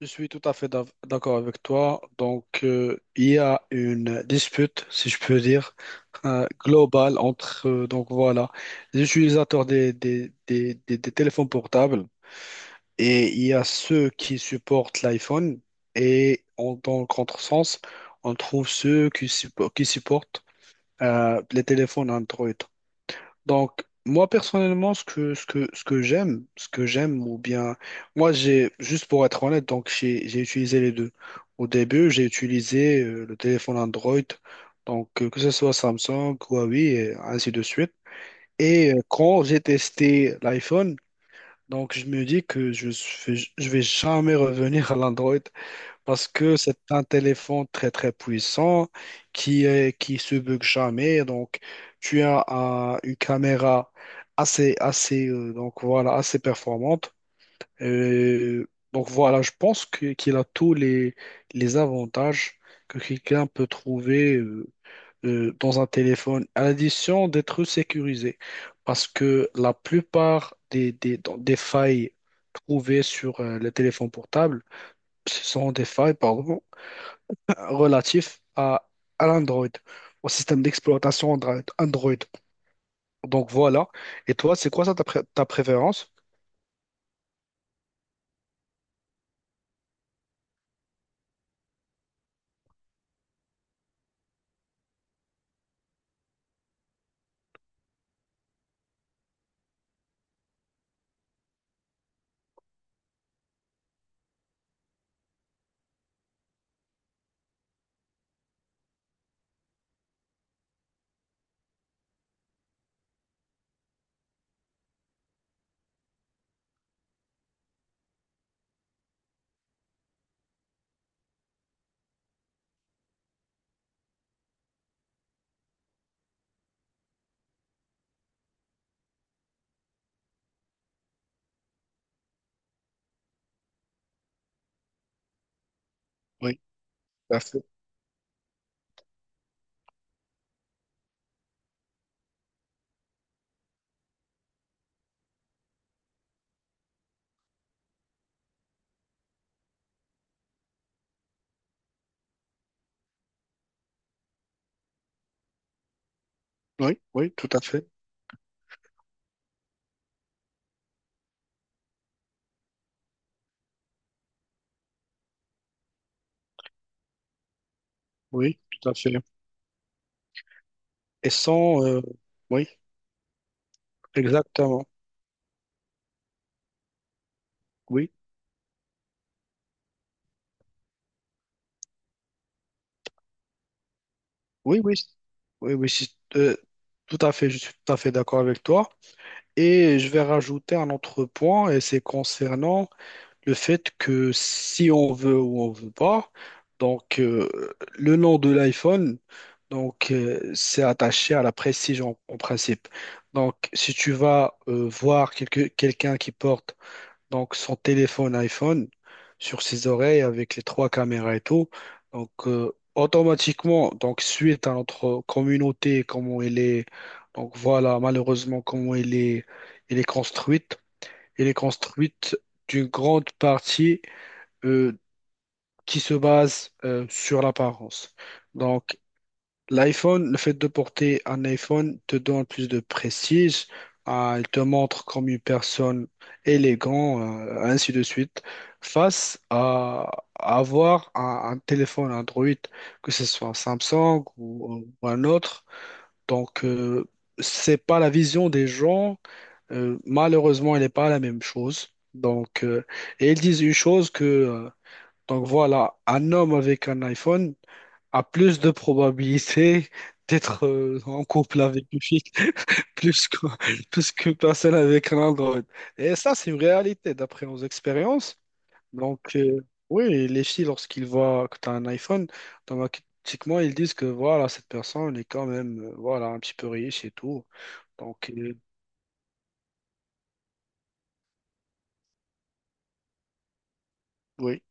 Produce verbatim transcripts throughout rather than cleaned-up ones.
Je suis tout à fait d'av- d'accord avec toi. Donc, euh, il y a une dispute, si je peux dire, euh, globale entre euh, donc voilà, les utilisateurs des, des, des, des- des téléphones portables, et il y a ceux qui supportent l'iPhone. Et en, dans le contresens, on trouve ceux qui, suppo- qui supportent euh, les téléphones Android. Donc, moi personnellement, ce que, ce que, ce que j'aime, ce que j'aime, ou bien, moi j'ai, juste pour être honnête, donc j'ai j'ai utilisé les deux. Au début, j'ai utilisé euh, le téléphone Android, donc euh, que ce soit Samsung, Huawei, et ainsi de suite. Et euh, quand j'ai testé l'iPhone, donc je me dis que je, fais- je vais jamais revenir à l'Android parce que c'est un téléphone très très puissant qui est- qui se bug jamais. Donc tu as un- une caméra assez assez euh, donc voilà assez performante. Euh, donc voilà, je pense que- qu'il a tous les les avantages que quelqu'un peut trouver euh, euh, dans un téléphone, à l'addition d'être sécurisé. Parce que la plupart des des- des failles trouvées sur euh, les téléphones portables, ce sont des failles, pardon, relatif à, à l'Android, au système d'exploitation Android. Android. Donc voilà. Et toi, c'est quoi ça ta, pré- ta préférence? Oui, tout à fait. Oui, oui, tout à fait. Oui, tout à fait. Et sans... euh, oui, exactement. Oui, oui, oui. Oui, oui, si- euh, tout à fait, je suis tout à fait d'accord avec toi. Et je vais rajouter un autre point, et c'est concernant le fait que si on veut ou on veut pas, donc euh, le nom de l'iPhone, donc euh, c'est attaché à la prestige en, en principe. Donc si tu vas euh, voir quelque- quelqu'un qui porte donc son téléphone iPhone sur ses oreilles avec les trois caméras et tout, donc euh, automatiquement, donc suite à notre communauté, comment elle est, donc voilà malheureusement comment elle est, elle est construite elle est construite d'une grande partie euh, qui se base euh, sur l'apparence. Donc, l'iPhone, le fait de porter un iPhone te donne plus de prestige, euh, il te montre comme une personne élégante, euh, ainsi de suite, face à à avoir un, un téléphone Android, que ce soit un Samsung ou, ou un autre. Donc, euh, c'est pas la vision des gens, euh, malheureusement, elle n'est pas la même chose. Donc, euh, et ils disent une chose que, euh, donc voilà, un homme avec un iPhone a plus de probabilité d'être euh, en couple avec une fille plus que, plus qu'une personne avec un Android. Et ça, c'est une réalité d'après nos expériences. Donc, euh, oui, les filles, lorsqu'ils voient que tu as un iPhone, automatiquement, ils disent que voilà, cette personne est quand même, euh, voilà, un petit peu riche et tout. Donc, euh, oui,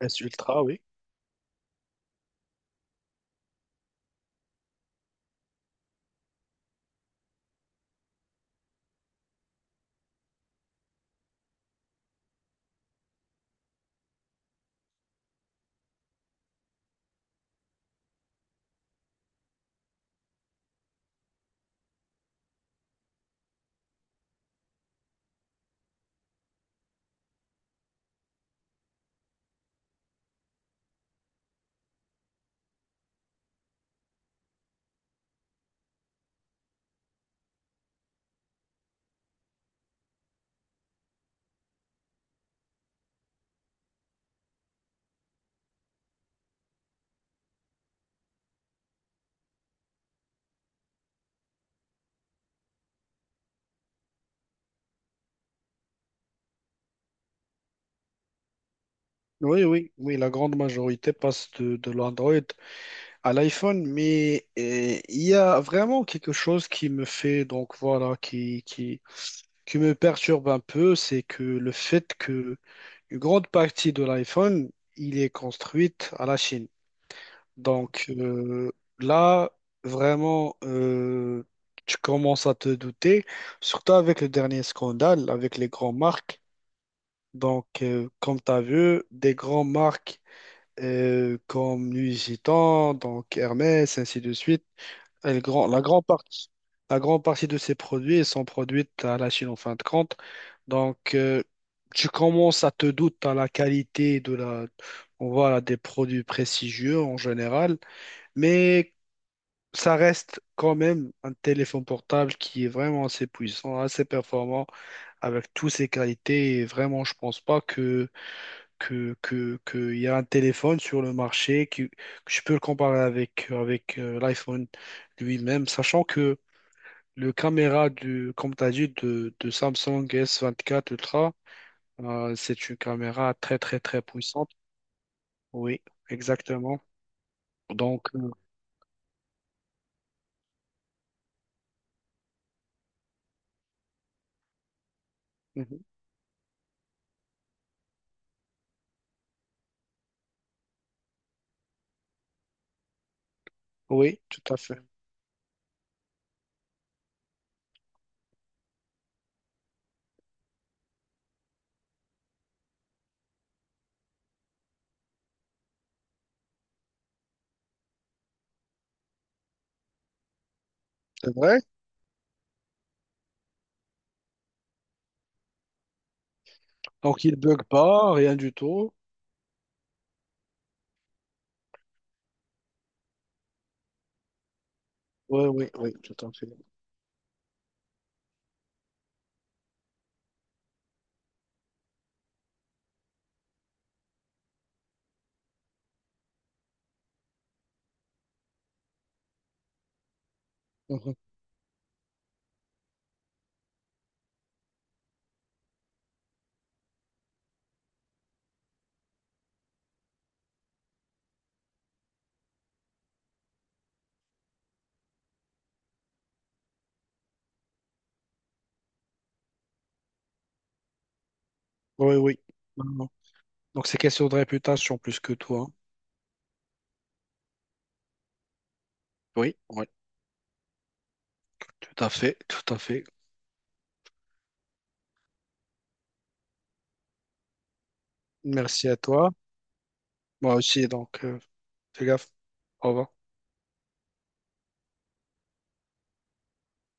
S ultra, oui. Oui, oui, oui, la grande majorité passe de, de l'Android à l'iPhone, mais euh, il y a vraiment quelque chose qui me fait, donc voilà, qui, qui, qui me perturbe un peu, c'est que le fait que une grande partie de l'iPhone, il est construite à la Chine. Donc euh, là, vraiment, euh, tu commences à te douter, surtout avec le dernier scandale, avec les grandes marques. Donc, euh, comme tu as vu, des grandes marques euh, comme Nuit Gitan, donc Hermès, ainsi de suite. Et le grand- la grande partie, la grande partie de ces produits sont produits à la Chine en fin de compte. Donc, euh, tu commences à te douter à la qualité de la, on voit des produits prestigieux en général, mais ça reste quand même un téléphone portable qui est vraiment assez puissant, assez performant, avec toutes ses qualités. Et vraiment, je pense pas que que, que, que il y a un téléphone sur le marché qui- que je peux le comparer avec, avec euh, l'iPhone lui-même, sachant que le caméra du, comme tu as dit, de, de Samsung S vingt-quatre Ultra, euh, c'est une caméra très, très, très puissante. Oui, exactement. Donc, euh, mhm. Oui, tout à fait. C'est vrai? Donc, il bug pas, rien du tout. Oui, oui, oui, tout à fait. Mhm. Oui, oui. Non, non. Donc, c'est question de réputation plus que toi. Oui, oui, tout à fait, tout à fait. Merci à toi. Moi aussi, donc, euh, fais gaffe. Au revoir.